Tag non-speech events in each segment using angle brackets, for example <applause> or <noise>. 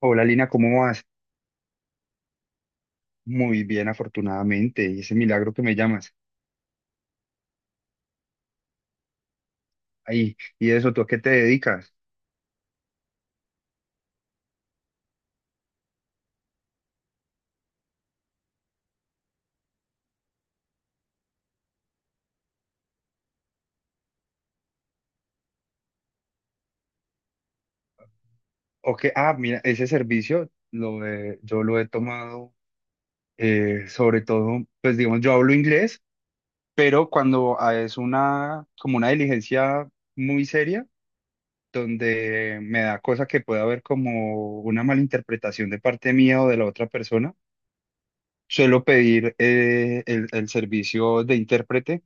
Hola Lina, ¿cómo vas? Muy bien, afortunadamente. Y ese milagro que me llamas. Ahí, y eso, ¿tú a qué te dedicas? O que, ah, mira, ese servicio lo he- yo lo he tomado sobre todo, pues digamos, yo hablo inglés, pero cuando es una, como una diligencia muy seria, donde me da cosa que pueda haber como una malinterpretación de parte mía o de la otra persona, suelo pedir el servicio de intérprete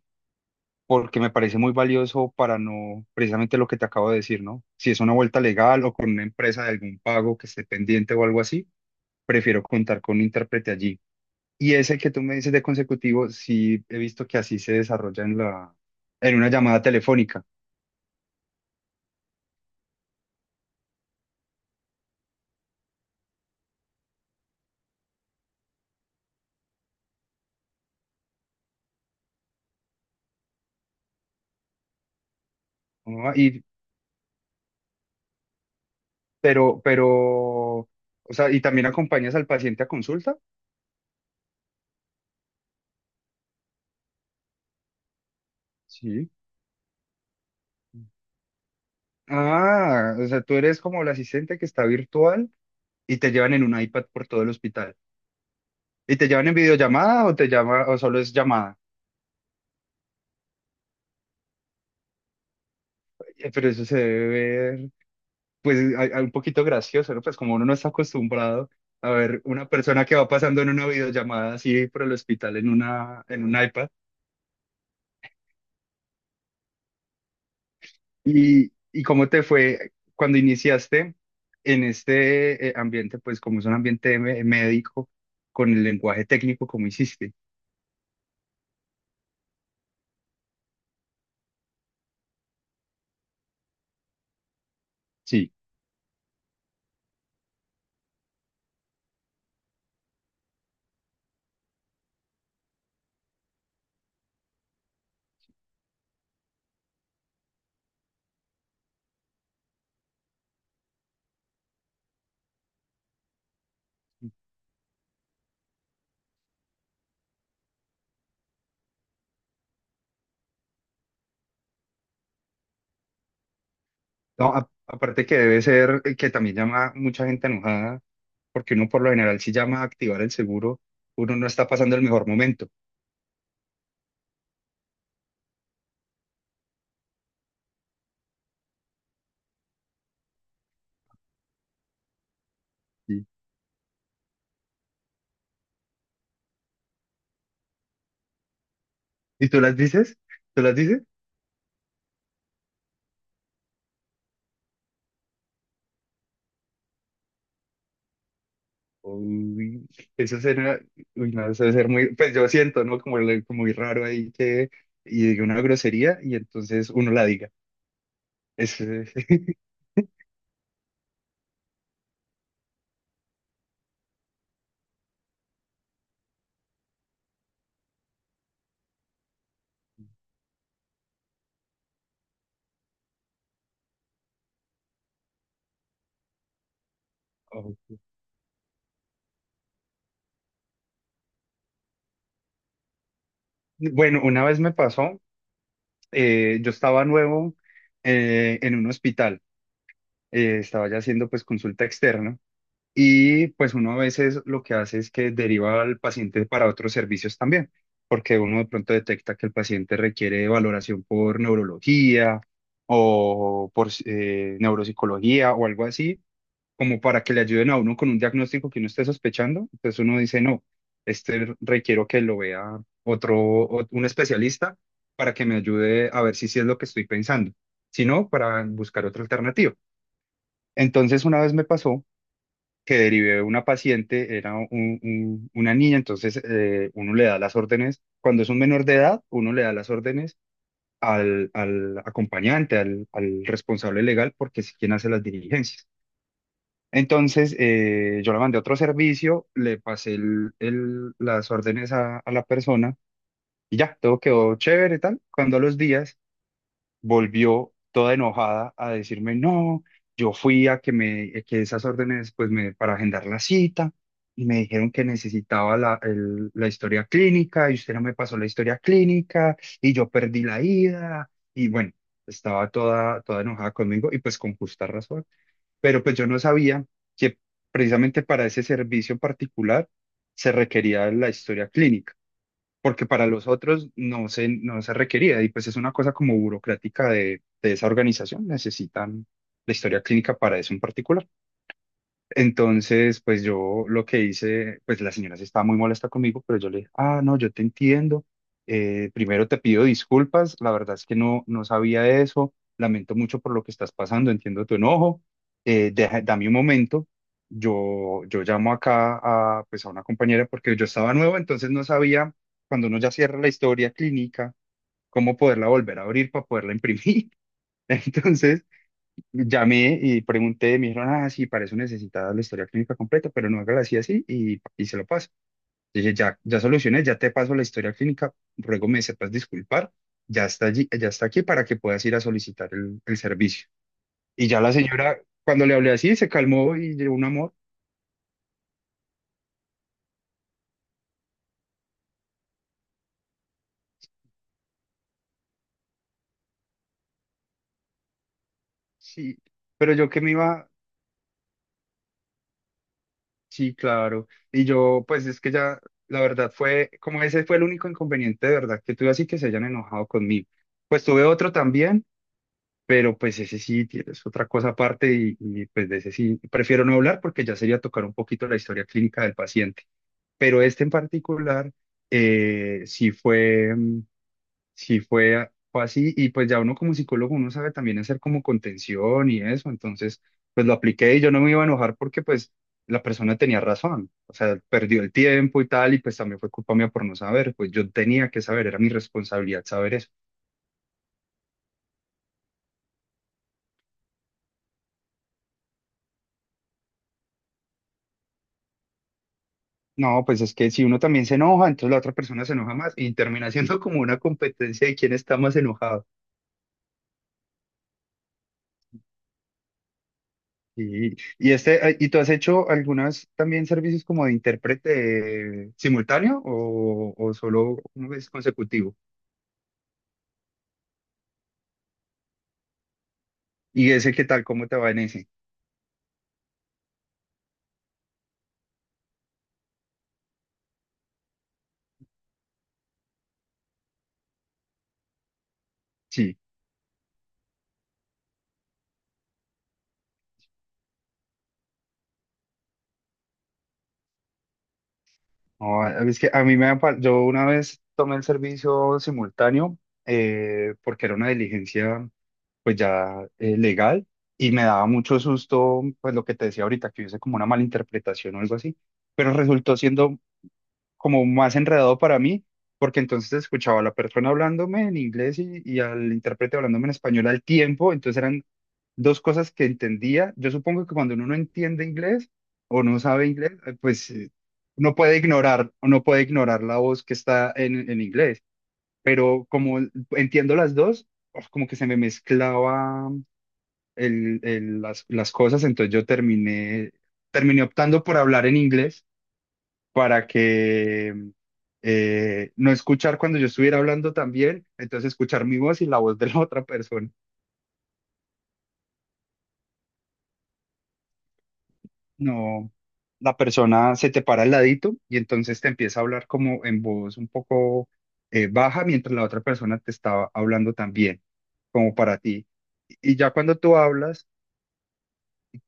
porque me parece muy valioso para no, precisamente lo que te acabo de decir, ¿no? Si es una vuelta legal o con una empresa de algún pago que esté pendiente o algo así, prefiero contar con un intérprete allí. Y ese que tú me dices de consecutivo, sí he visto que así se desarrolla en una llamada telefónica, ¿no? Y, pero, o sea, ¿y también acompañas al paciente a consulta? Sí. Ah, o sea, tú eres como el asistente que está virtual y te llevan en un iPad por todo el hospital. ¿Y te llaman en videollamada o te llama o solo es llamada? Pero eso se debe ver, pues, a un poquito gracioso, ¿no? Pues como uno no está acostumbrado a ver una persona que va pasando en una videollamada así por el hospital en un iPad. ¿Y cómo te fue cuando iniciaste en este ambiente, pues como es un ambiente médico, con el lenguaje técnico, ¿cómo hiciste? Sí. No, aparte que debe ser que también llama mucha gente enojada porque uno por lo general si llama a activar el seguro, uno no está pasando el mejor momento. ¿Y, ¿y tú las dices? ¿Tú las dices? Uy, eso será, uy, no, eso debe ser muy, pues yo siento, ¿no? Como, como muy raro ahí que, y diga una grosería y entonces uno la diga. Es- es- <laughs> ok. Bueno, una vez me pasó, yo estaba nuevo en un hospital, estaba ya haciendo pues consulta externa. Y pues uno a veces lo que hace es que deriva al paciente para otros servicios también, porque uno de pronto detecta que el paciente requiere valoración por neurología o por neuropsicología o algo así, como para que le ayuden a uno con un diagnóstico que uno esté sospechando. Entonces uno dice, no, este requiero que lo vea otro, un especialista para que me ayude a ver si sí es lo que estoy pensando, si no, para buscar otra alternativa. Entonces una vez me pasó que derivé de una paciente, era una niña, entonces uno le da las órdenes, cuando es un menor de edad, uno le da las órdenes al acompañante, al responsable legal, porque es quien hace las diligencias. Entonces yo la mandé a otro servicio, le pasé las órdenes a la persona y ya, todo quedó chévere y tal. Cuando a los días volvió toda enojada a decirme, no, yo fui a que me, que esas órdenes, pues me, para agendar la cita, y me dijeron que necesitaba la historia clínica, y usted no me pasó la historia clínica, y yo perdí la ida, y bueno, estaba toda enojada conmigo, y pues con justa razón, pero pues yo no sabía que precisamente para ese servicio particular se requería la historia clínica porque para los otros no se requería y pues es una cosa como burocrática de esa organización, necesitan la historia clínica para eso en particular. Entonces, pues yo lo que hice, pues la señora se estaba muy molesta conmigo, pero yo le dije, ah, no, yo te entiendo. Primero te pido disculpas, la verdad es que no, no sabía eso, lamento mucho por lo que estás pasando, entiendo tu enojo. Dame un momento, yo llamo acá a, pues, a una compañera porque yo estaba nuevo, entonces no sabía cuando uno ya cierra la historia clínica, cómo poderla volver a abrir para poderla imprimir. <laughs> Entonces... Llamé y pregunté, me dijeron, ah, sí, para eso necesitas la historia clínica completa, pero no hágala así, así, y se lo paso. Dije, ya, ya solucioné, ya te paso la historia clínica, ruego me sepas disculpar, ya está allí, ya está aquí para que puedas ir a solicitar el servicio. Y ya la señora, cuando le hablé así, se calmó y de un amor, sí, pero yo que me iba, sí, claro, y yo, pues es que ya, la verdad fue, como ese fue el único inconveniente de verdad que tuve así que se hayan enojado conmigo. Pues tuve otro también pero pues ese sí es otra cosa aparte y, pues de ese sí prefiero no hablar porque ya sería tocar un poquito la historia clínica del paciente. Pero este en particular sí fue, sí fue, fue así y pues ya uno como psicólogo uno sabe también hacer como contención y eso, entonces pues lo apliqué y yo no me iba a enojar porque pues la persona tenía razón, o sea, perdió el tiempo y tal y pues también fue culpa mía por no saber, pues yo tenía que saber, era mi responsabilidad saber eso. No, pues es que si uno también se enoja, entonces la otra persona se enoja más y termina siendo como una competencia de quién está más enojado. Y ¿y tú has hecho algunas también servicios como de intérprete simultáneo o solo una vez consecutivo? ¿Y ese qué tal? ¿Cómo te va en ese? Sí. No, es que a mí me, yo una vez tomé el servicio simultáneo porque era una diligencia pues ya legal y me daba mucho susto, pues lo que te decía ahorita, que hubiese como una mala interpretación o algo así, pero resultó siendo como más enredado para mí, porque entonces escuchaba a la persona hablándome en inglés y al intérprete hablándome en español al tiempo, entonces eran dos cosas que entendía. Yo supongo que cuando uno no entiende inglés o no sabe inglés, uno puede ignorar, no puede ignorar la voz que está en inglés, pero como entiendo las dos, oh, como que se me mezclaba las cosas, entonces yo terminé, terminé optando por hablar en inglés para que no escuchar cuando yo estuviera hablando también, entonces escuchar mi voz y la voz de la otra persona. No, la persona se te para al ladito y entonces te empieza a hablar como en voz un poco baja mientras la otra persona te estaba hablando también, como para ti. Y ya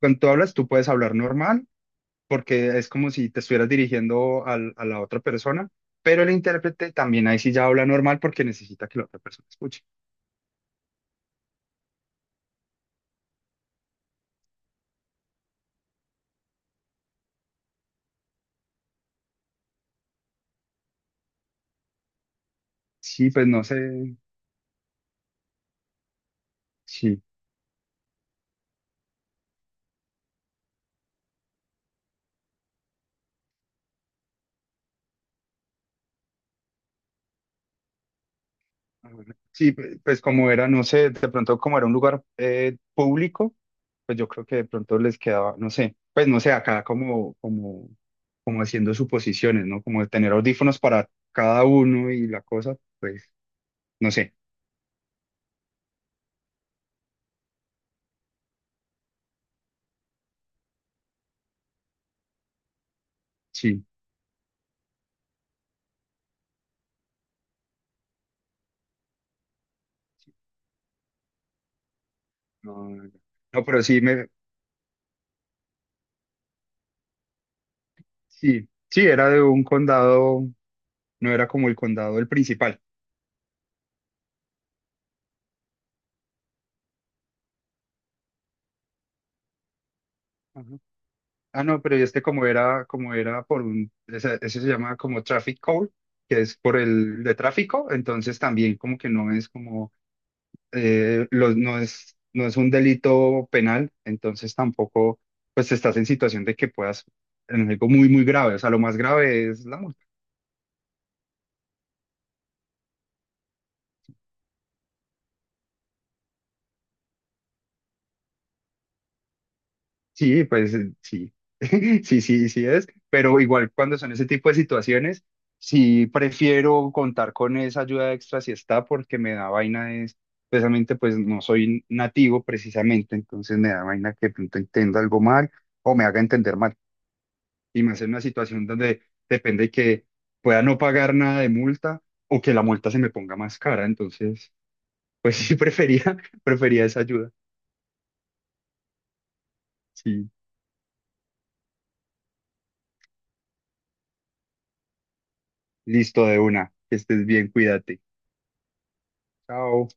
cuando tú hablas, tú puedes hablar normal porque es como si te estuvieras dirigiendo a la otra persona, pero el intérprete también ahí sí ya habla normal porque necesita que la otra persona escuche. Sí, pues no sé, sí. A ver, sí, pues como era, no sé, de pronto como era un lugar público, pues yo creo que de pronto les quedaba, no sé, pues no sé, acá como haciendo suposiciones, ¿no? Como de tener audífonos para cada uno y la cosa, pues no sé, sí. No, no, no, pero sí, me, sí, sí, era de un condado, no era como el condado el principal. Ajá. Ah, no, pero este como era por un, ese se llama como traffic code, que es por el de tráfico, entonces también como que no es como, los, no es, no es un delito penal, entonces tampoco, pues estás en situación de que puedas, en algo muy, muy grave, o sea, lo más grave es la multa. Sí, pues sí, <laughs> sí, sí, sí es, pero igual cuando son ese tipo de situaciones, sí prefiero contar con esa ayuda extra si está, porque me da vaina es, precisamente pues no soy nativo precisamente, entonces me da vaina que de pronto entienda algo mal o me haga entender mal, y me hace una situación donde depende que pueda no pagar nada de multa o que la multa se me ponga más cara, entonces pues <laughs> sí prefería, prefería esa ayuda, sí, listo de una, que estés bien, cuídate, chao.